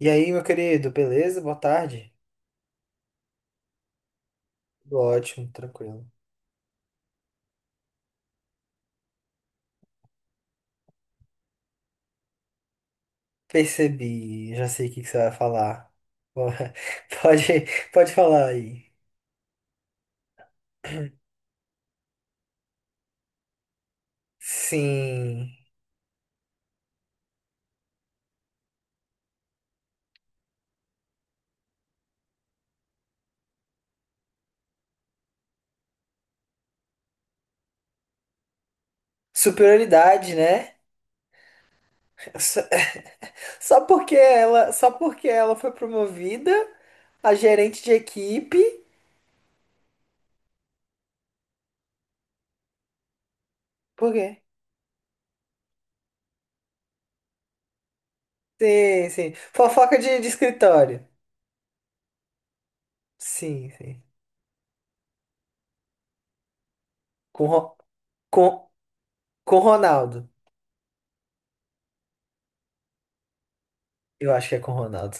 E aí, meu querido, beleza? Boa tarde. Tudo ótimo, tranquilo. Percebi, já sei o que que você vai falar. Bo- Pode, pode falar aí. Sim. Superioridade, né? Só só porque ela foi promovida a gerente de equipe. Por quê? Sim, sim. Fofoca de escritório. Sim, sim. Com, Ro- com, com Ronaldo. Eu acho que é com Ronaldo.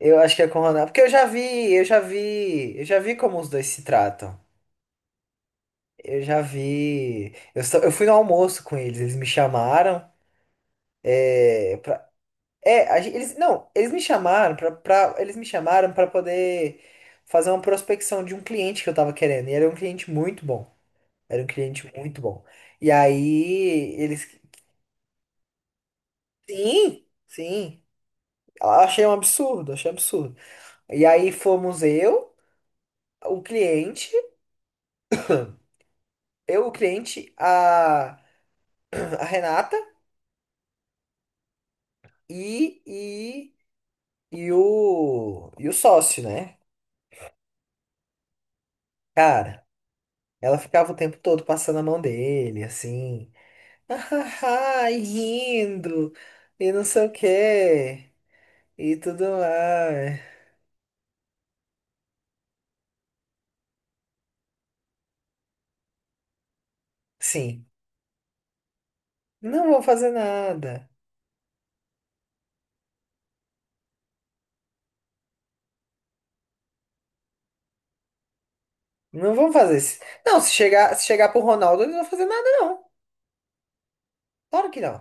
Eu acho que é com o Ronaldo, porque eu já vi como os dois se tratam. Eu já vi. Eu fui no almoço com eles, eles me chamaram. É, pra, é a gen- eles, não, eles me chamaram pra, pra, eles me chamaram para poder fazer uma prospecção de um cliente que eu tava querendo. E era um cliente muito bom. Era um cliente muito bom. E aí eles. Sim, sim. Eu achei um absurdo, achei um absurdo. E aí fomos o cliente, eu, o cliente, a Renata e, e, e o sócio, né? Cara, ela ficava o tempo todo passando a mão dele, assim, ah, e rindo, e não sei o quê, e tudo mais. Sim, não vou fazer nada. Não vão fazer isso. Não, se se chegar pro Ronaldo, eles não vão fazer nada, não. Claro que não.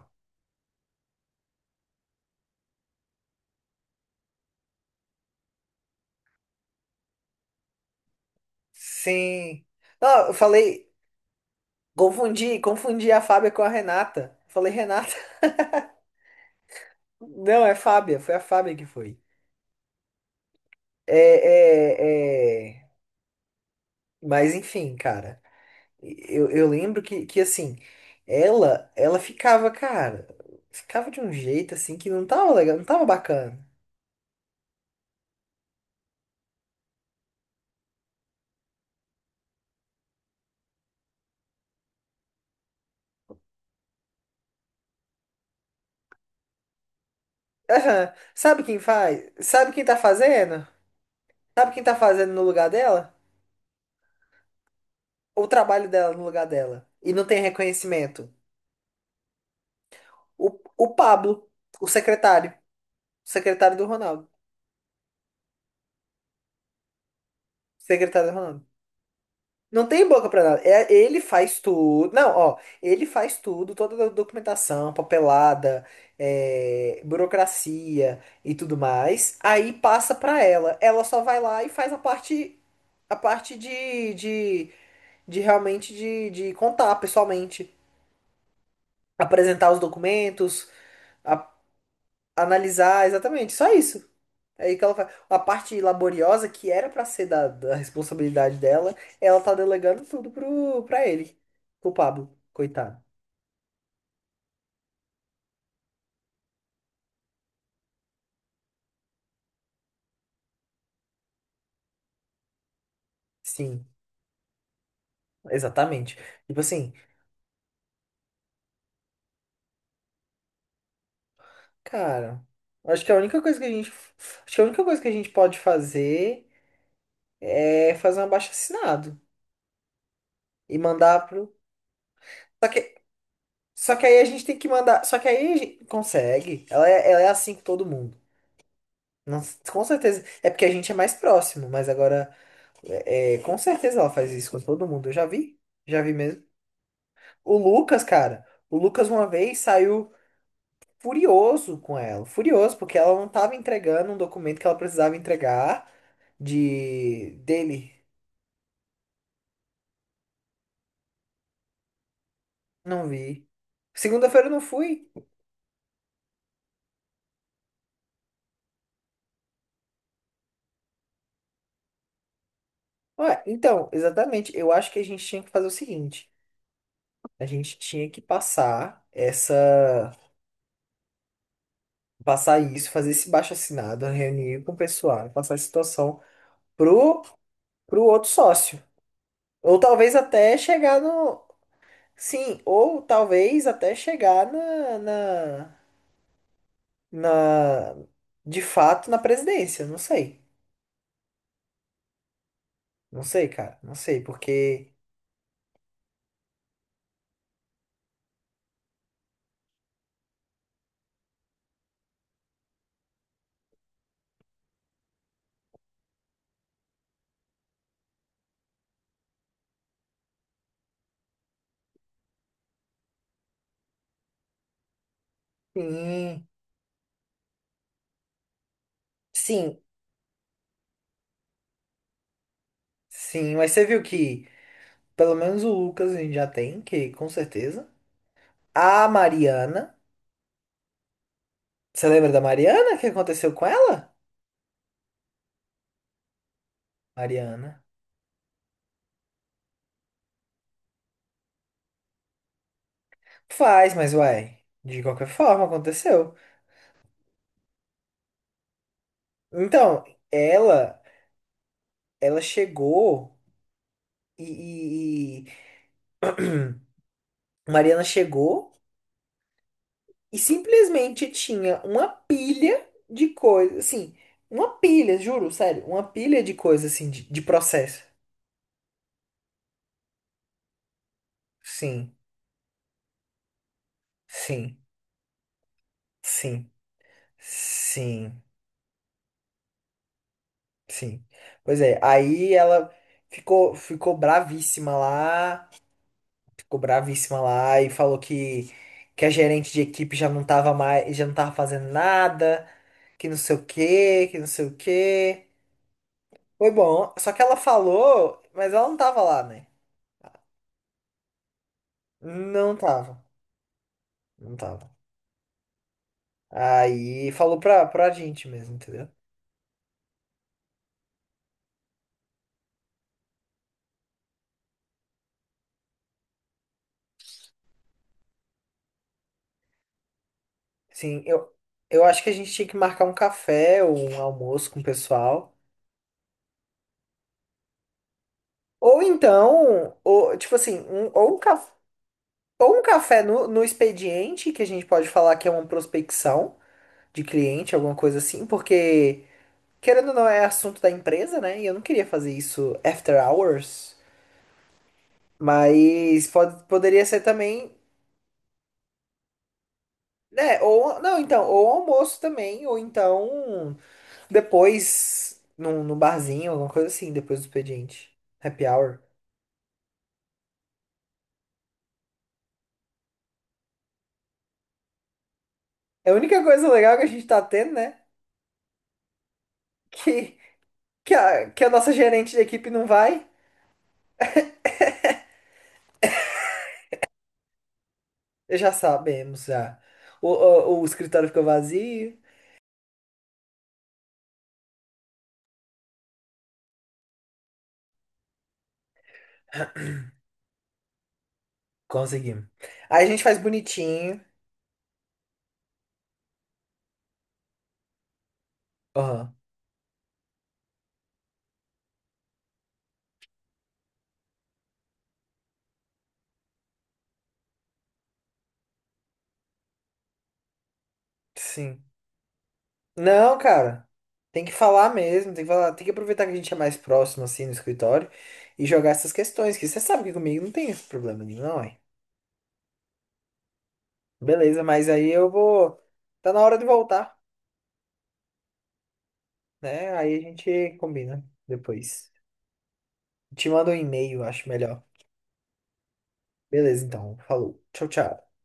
Sim. Não, eu falei, confundi a Fábia com a Renata. Falei, Renata. Não, é Fábia, foi a Fábia que foi. É, é, é... Mas enfim, cara, eu lembro que assim, ela ficava, cara, ficava de um jeito assim que não tava legal, não tava bacana. Aham. Sabe quem faz? Sabe quem tá fazendo? Sabe quem tá fazendo no lugar dela? O trabalho dela no lugar dela. E não tem reconhecimento. O Pablo, o secretário, o secretário do Ronaldo. Secretário do Ronaldo. Não tem boca pra nada. É, ele faz tudo. Não, ó, ele faz tudo, toda a documentação, papelada, é, burocracia e tudo mais. Aí passa pra ela. Ela só vai lá e faz a parte de realmente de contar pessoalmente, apresentar os documentos, a- analisar, exatamente, só isso. Aí que ela faz. A parte laboriosa que era pra ser da responsabilidade dela, ela tá delegando tudo pra ele. Pro Pablo, coitado. Sim, exatamente. Tipo assim, cara, acho que a única coisa que a gente, acho que a única coisa que a gente pode fazer é fazer um abaixo-assinado e mandar pro. Só que, só que aí a gente tem que mandar, só que aí a gente consegue. Ela é assim com todo mundo. Não- com certeza. É porque a gente é mais próximo, mas agora é, com certeza ela faz isso com todo mundo. Eu já vi mesmo. O Lucas, cara, o Lucas uma vez saiu furioso com ela, furioso porque ela não tava entregando um documento que ela precisava entregar de dele. Não vi. Segunda-feira eu não fui. Ué, então, exatamente. Eu acho que a gente tinha que fazer o seguinte: a gente tinha que passar passar isso, fazer esse baixo-assinado, reunir com o pessoal, passar a situação pro pro outro sócio. Ou talvez até chegar no. Sim, ou talvez até chegar na de fato, na presidência. Não sei. Não sei, cara. Não sei, porque. Sim, sim, sim. Mas você viu que pelo menos o Lucas a gente já tem, que com certeza. A Mariana. Você lembra da Mariana? O que aconteceu com ela? Mariana. Faz, mas uai. De qualquer forma, aconteceu. Então, ela. Ela chegou. e, e- e- Hum. Mariana chegou e simplesmente tinha uma pilha de coisas, assim, uma pilha, juro, sério, uma pilha de coisas, assim, de processo. Sim, sim, sim, sim, sim. Pois é, aí ela ficou bravíssima lá, ficou bravíssima lá e falou que a gerente de equipe já não tava mais, já não tava fazendo nada, que não sei o quê, que não sei o quê. Foi bom, só que ela falou, mas ela não tava lá, né? Não tava, não tava. Aí falou pra gente mesmo, entendeu? Sim, eu acho que a gente tinha que marcar um café ou um almoço com o pessoal. Ou então, ou, tipo assim, um, ou, um caf, ou um café no expediente, que a gente pode falar que é uma prospecção de cliente, alguma coisa assim, porque, querendo ou não, é assunto da empresa, né? E eu não queria fazer isso after hours. Mas poderia ser também. Né ou, não, então, ou almoço também, ou então. Depois, num barzinho, alguma coisa assim, depois do expediente. Happy hour. É a única coisa legal que a gente tá tendo, né? Que, que a nossa gerente de equipe não vai. Já sabemos, já. O escritório ficou vazio. Conseguimos. Aí a gente faz bonitinho. Aham, sim. Não, cara. Tem que falar mesmo, tem que falar, tem que aproveitar que a gente é mais próximo assim no escritório e jogar essas questões, que você sabe que comigo não tem esse problema nenhum, não é? Beleza, mas aí eu vou. Tá na hora de voltar, né? Aí a gente combina depois. Te mando um e-mail, acho melhor. Beleza, então. Falou. Tchau, tchau.